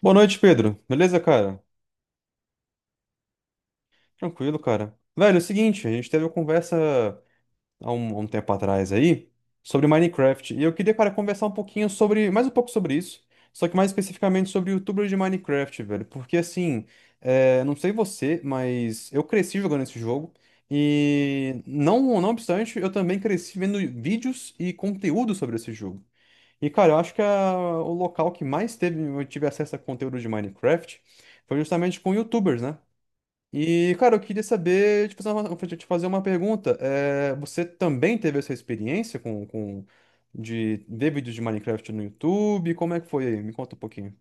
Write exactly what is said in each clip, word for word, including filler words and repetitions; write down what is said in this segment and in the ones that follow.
Boa noite, Pedro. Beleza, cara? Tranquilo, cara. Velho, é o seguinte, a gente teve uma conversa há um, há um tempo atrás aí sobre Minecraft. E eu queria, cara, conversar um pouquinho sobre, mais um pouco sobre isso, só que mais especificamente sobre YouTubers de Minecraft, velho. Porque assim, é, não sei você, mas eu cresci jogando esse jogo. E não, não obstante, eu também cresci vendo vídeos e conteúdo sobre esse jogo. E, cara, eu acho que a- o local que mais teve, eu tive acesso a conteúdo de Minecraft foi justamente com YouTubers, né? E, cara, eu queria saber, te fazer uma, te fazer uma pergunta. É, você também teve essa experiência com, com de ver vídeos de Minecraft no YouTube? Como é que foi aí? Me conta um pouquinho.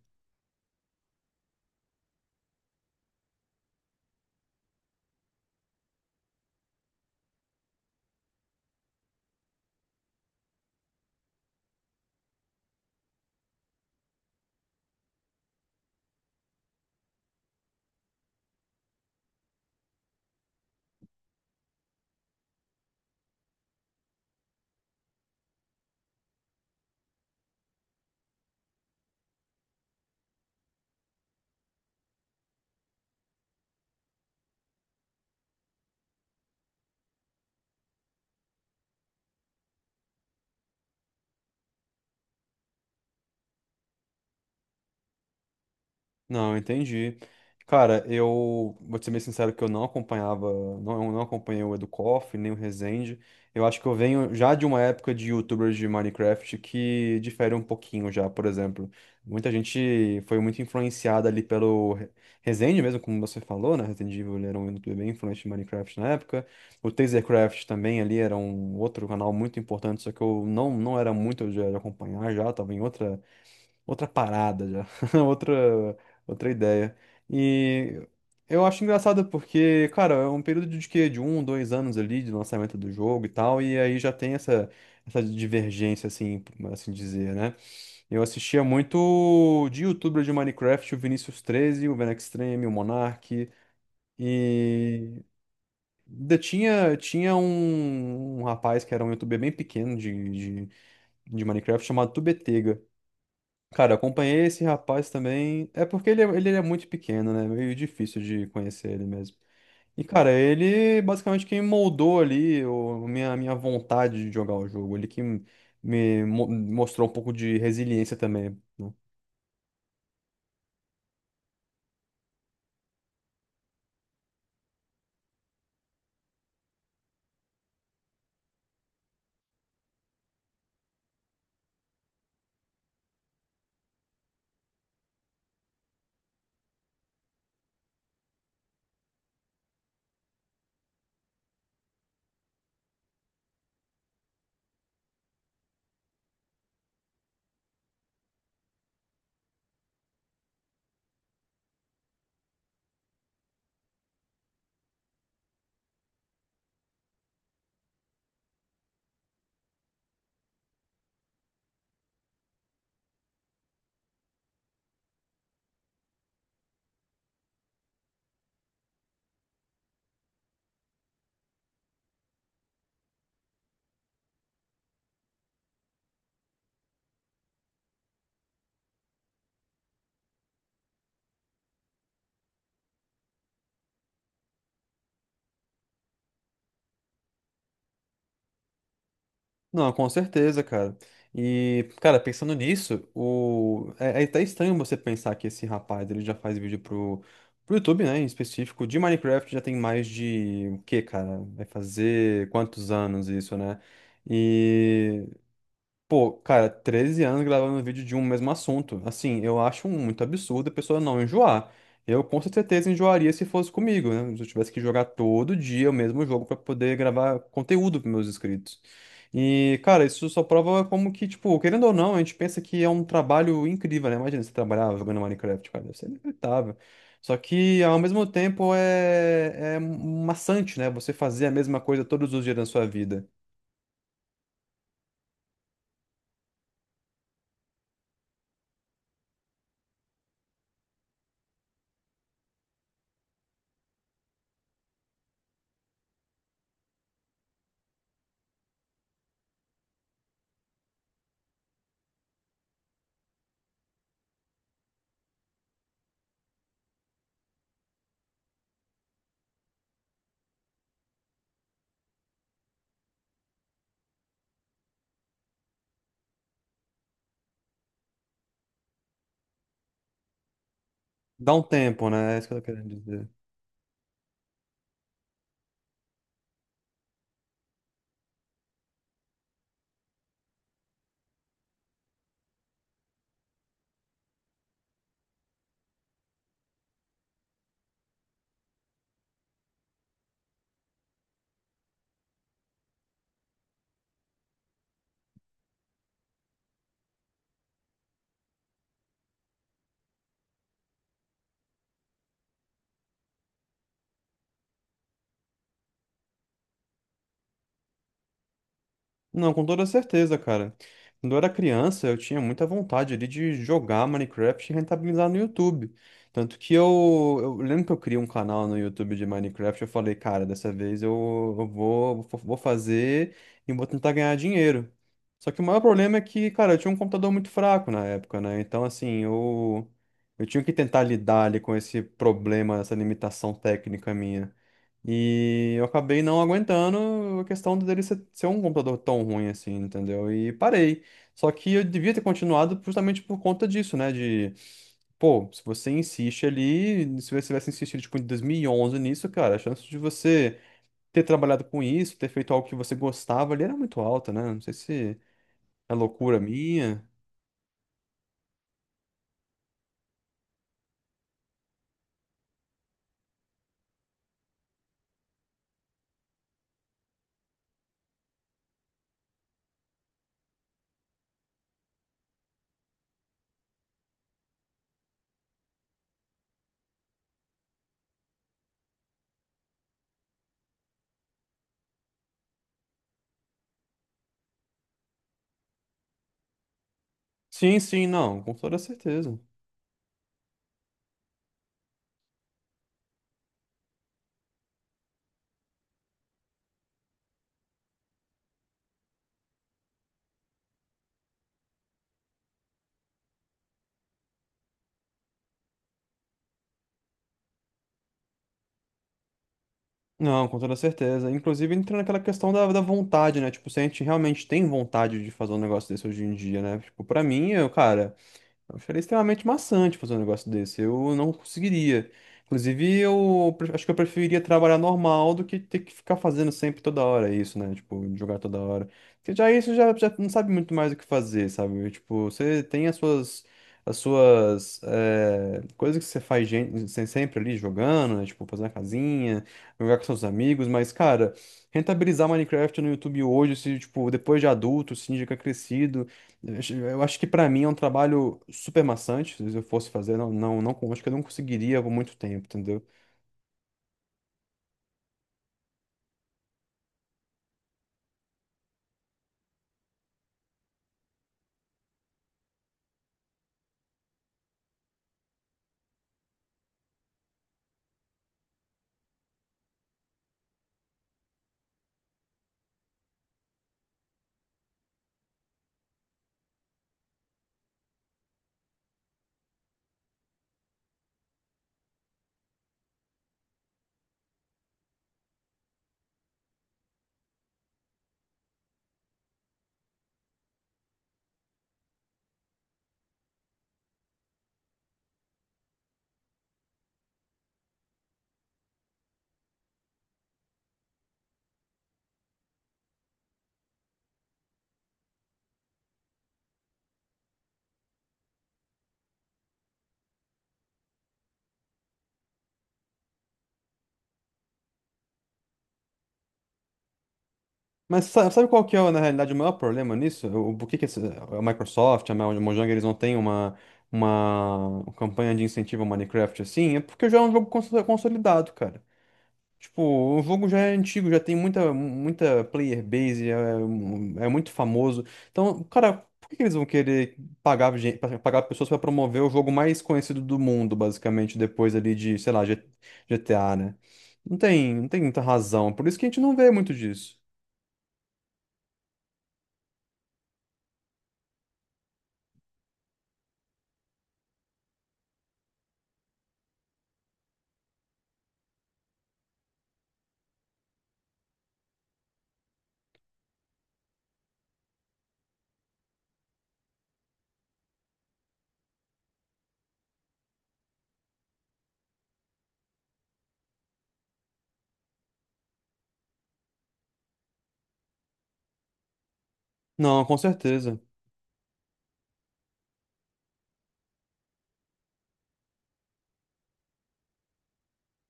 Não, entendi. Cara, eu vou te ser bem sincero que eu não acompanhava, não, eu não acompanhei o Educoff, nem o Resende. Eu acho que eu venho já de uma época de YouTubers de Minecraft que difere um pouquinho já, por exemplo. Muita gente foi muito influenciada ali pelo Re- Resende mesmo, como você falou, né? Resident Evil ele era um youtuber bem influente de Minecraft na época. O Tasercraft também ali era um outro canal muito importante, só que eu não, não era muito de de acompanhar já, tava em outra outra parada já, outra outra ideia. E eu acho engraçado porque, cara, é um período de quê? De um, dois anos ali de lançamento do jogo e tal, e aí já tem essa essa divergência assim, por assim dizer, né? Eu assistia muito de youtuber de Minecraft, o Vinícius treze, o Venextreme, o Monark e ainda tinha tinha um, um rapaz que era um youtuber bem pequeno de, de, de Minecraft chamado Tubetega. Cara, eu acompanhei esse rapaz também. É porque ele é, ele é muito pequeno, né? Meio difícil de conhecer ele mesmo. E, cara, ele basicamente quem moldou ali o, a minha, a minha vontade de jogar o jogo. Ele que me mo- mostrou um pouco de resiliência também, né? Não, com certeza, cara. E, cara, pensando nisso, o... é, é até estranho você pensar que esse rapaz ele já faz vídeo pro, pro YouTube, né, em específico, de Minecraft já tem mais de o quê, cara? Vai fazer quantos anos isso, né? E Pô, cara, treze anos gravando vídeo de um mesmo assunto. Assim, eu acho muito absurdo a pessoa não enjoar. Eu com certeza enjoaria se fosse comigo, né? Se eu tivesse que jogar todo dia o mesmo jogo pra poder gravar conteúdo para meus inscritos. E, cara, isso só prova como que, tipo, querendo ou não, a gente pensa que é um trabalho incrível, né? Imagina você trabalhar jogando Minecraft, cara, deve ser inacreditável. Só que, ao mesmo tempo, é, é maçante, né? Você fazer a mesma coisa todos os dias da sua vida. Dá um tempo, né? É isso que eu tô querendo dizer. Não, com toda certeza, cara. Quando eu era criança, eu tinha muita vontade ali de jogar Minecraft e rentabilizar no YouTube. Tanto que eu, eu lembro que eu criei um canal no YouTube de Minecraft, eu falei, cara, dessa vez eu, eu vou, vou fazer e vou tentar ganhar dinheiro. Só que o maior problema é que, cara, eu tinha um computador muito fraco na época, né? Então, assim, eu, eu tinha que tentar lidar ali com esse problema, essa limitação técnica minha. E eu acabei não aguentando a questão dele ser, ser um computador tão ruim assim, entendeu? E parei. Só que eu devia ter continuado justamente por conta disso, né? De, pô, se você insiste ali, se você tivesse insistido, tipo, em dois mil e onze nisso, cara, a chance de você ter trabalhado com isso, ter feito algo que você gostava ali era muito alta, né? Não sei se é loucura minha. Sim, sim, não, com toda certeza. Não, com toda certeza. Inclusive, entra naquela questão da, da vontade, né? Tipo, se a gente realmente tem vontade de fazer um negócio desse hoje em dia, né? Tipo, pra mim, eu, cara. Eu acharia extremamente maçante fazer um negócio desse. Eu não conseguiria. Inclusive, eu pre- acho que eu preferiria trabalhar normal do que ter que ficar fazendo sempre toda hora isso, né? Tipo, jogar toda hora. Porque já isso já, já não sabe muito mais o que fazer, sabe? Tipo, você tem as suas, as suas eh, coisas que você faz gen- sem- sempre ali jogando, né? Tipo, fazer uma casinha, jogar com seus amigos, mas, cara, rentabilizar Minecraft no YouTube hoje, se, tipo, depois de adulto, se indica crescido. Eu acho que pra mim é um trabalho super maçante. Se eu fosse fazer, não, não, não, acho que eu não conseguiria por muito tempo, entendeu? Mas sa- sabe, qual que é, na realidade, o maior problema nisso? O, por que que esse- a Microsoft, a Mo- Mojang, eles não têm uma, uma campanha de incentivo ao Minecraft assim? É porque já é um jogo cons- consolidado, cara. Tipo, o jogo já é antigo, já tem muita, muita player base, é, é muito famoso. Então, cara, por que que eles vão querer pagar, gen- pra- pagar pessoas pra promover o jogo mais conhecido do mundo, basicamente, depois ali de, sei lá, G- GTA, né? Não tem, não tem muita razão. Por isso que a gente não vê muito disso. Não, com certeza.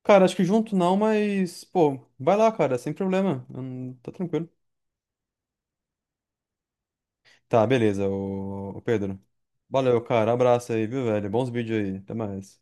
Cara, acho que junto não, mas, pô, vai lá, cara, sem problema. Hum, Tá tranquilo. Tá, beleza, ô, ô Pedro. Valeu, cara. Abraço aí, viu, velho? Bons vídeos aí. Até mais.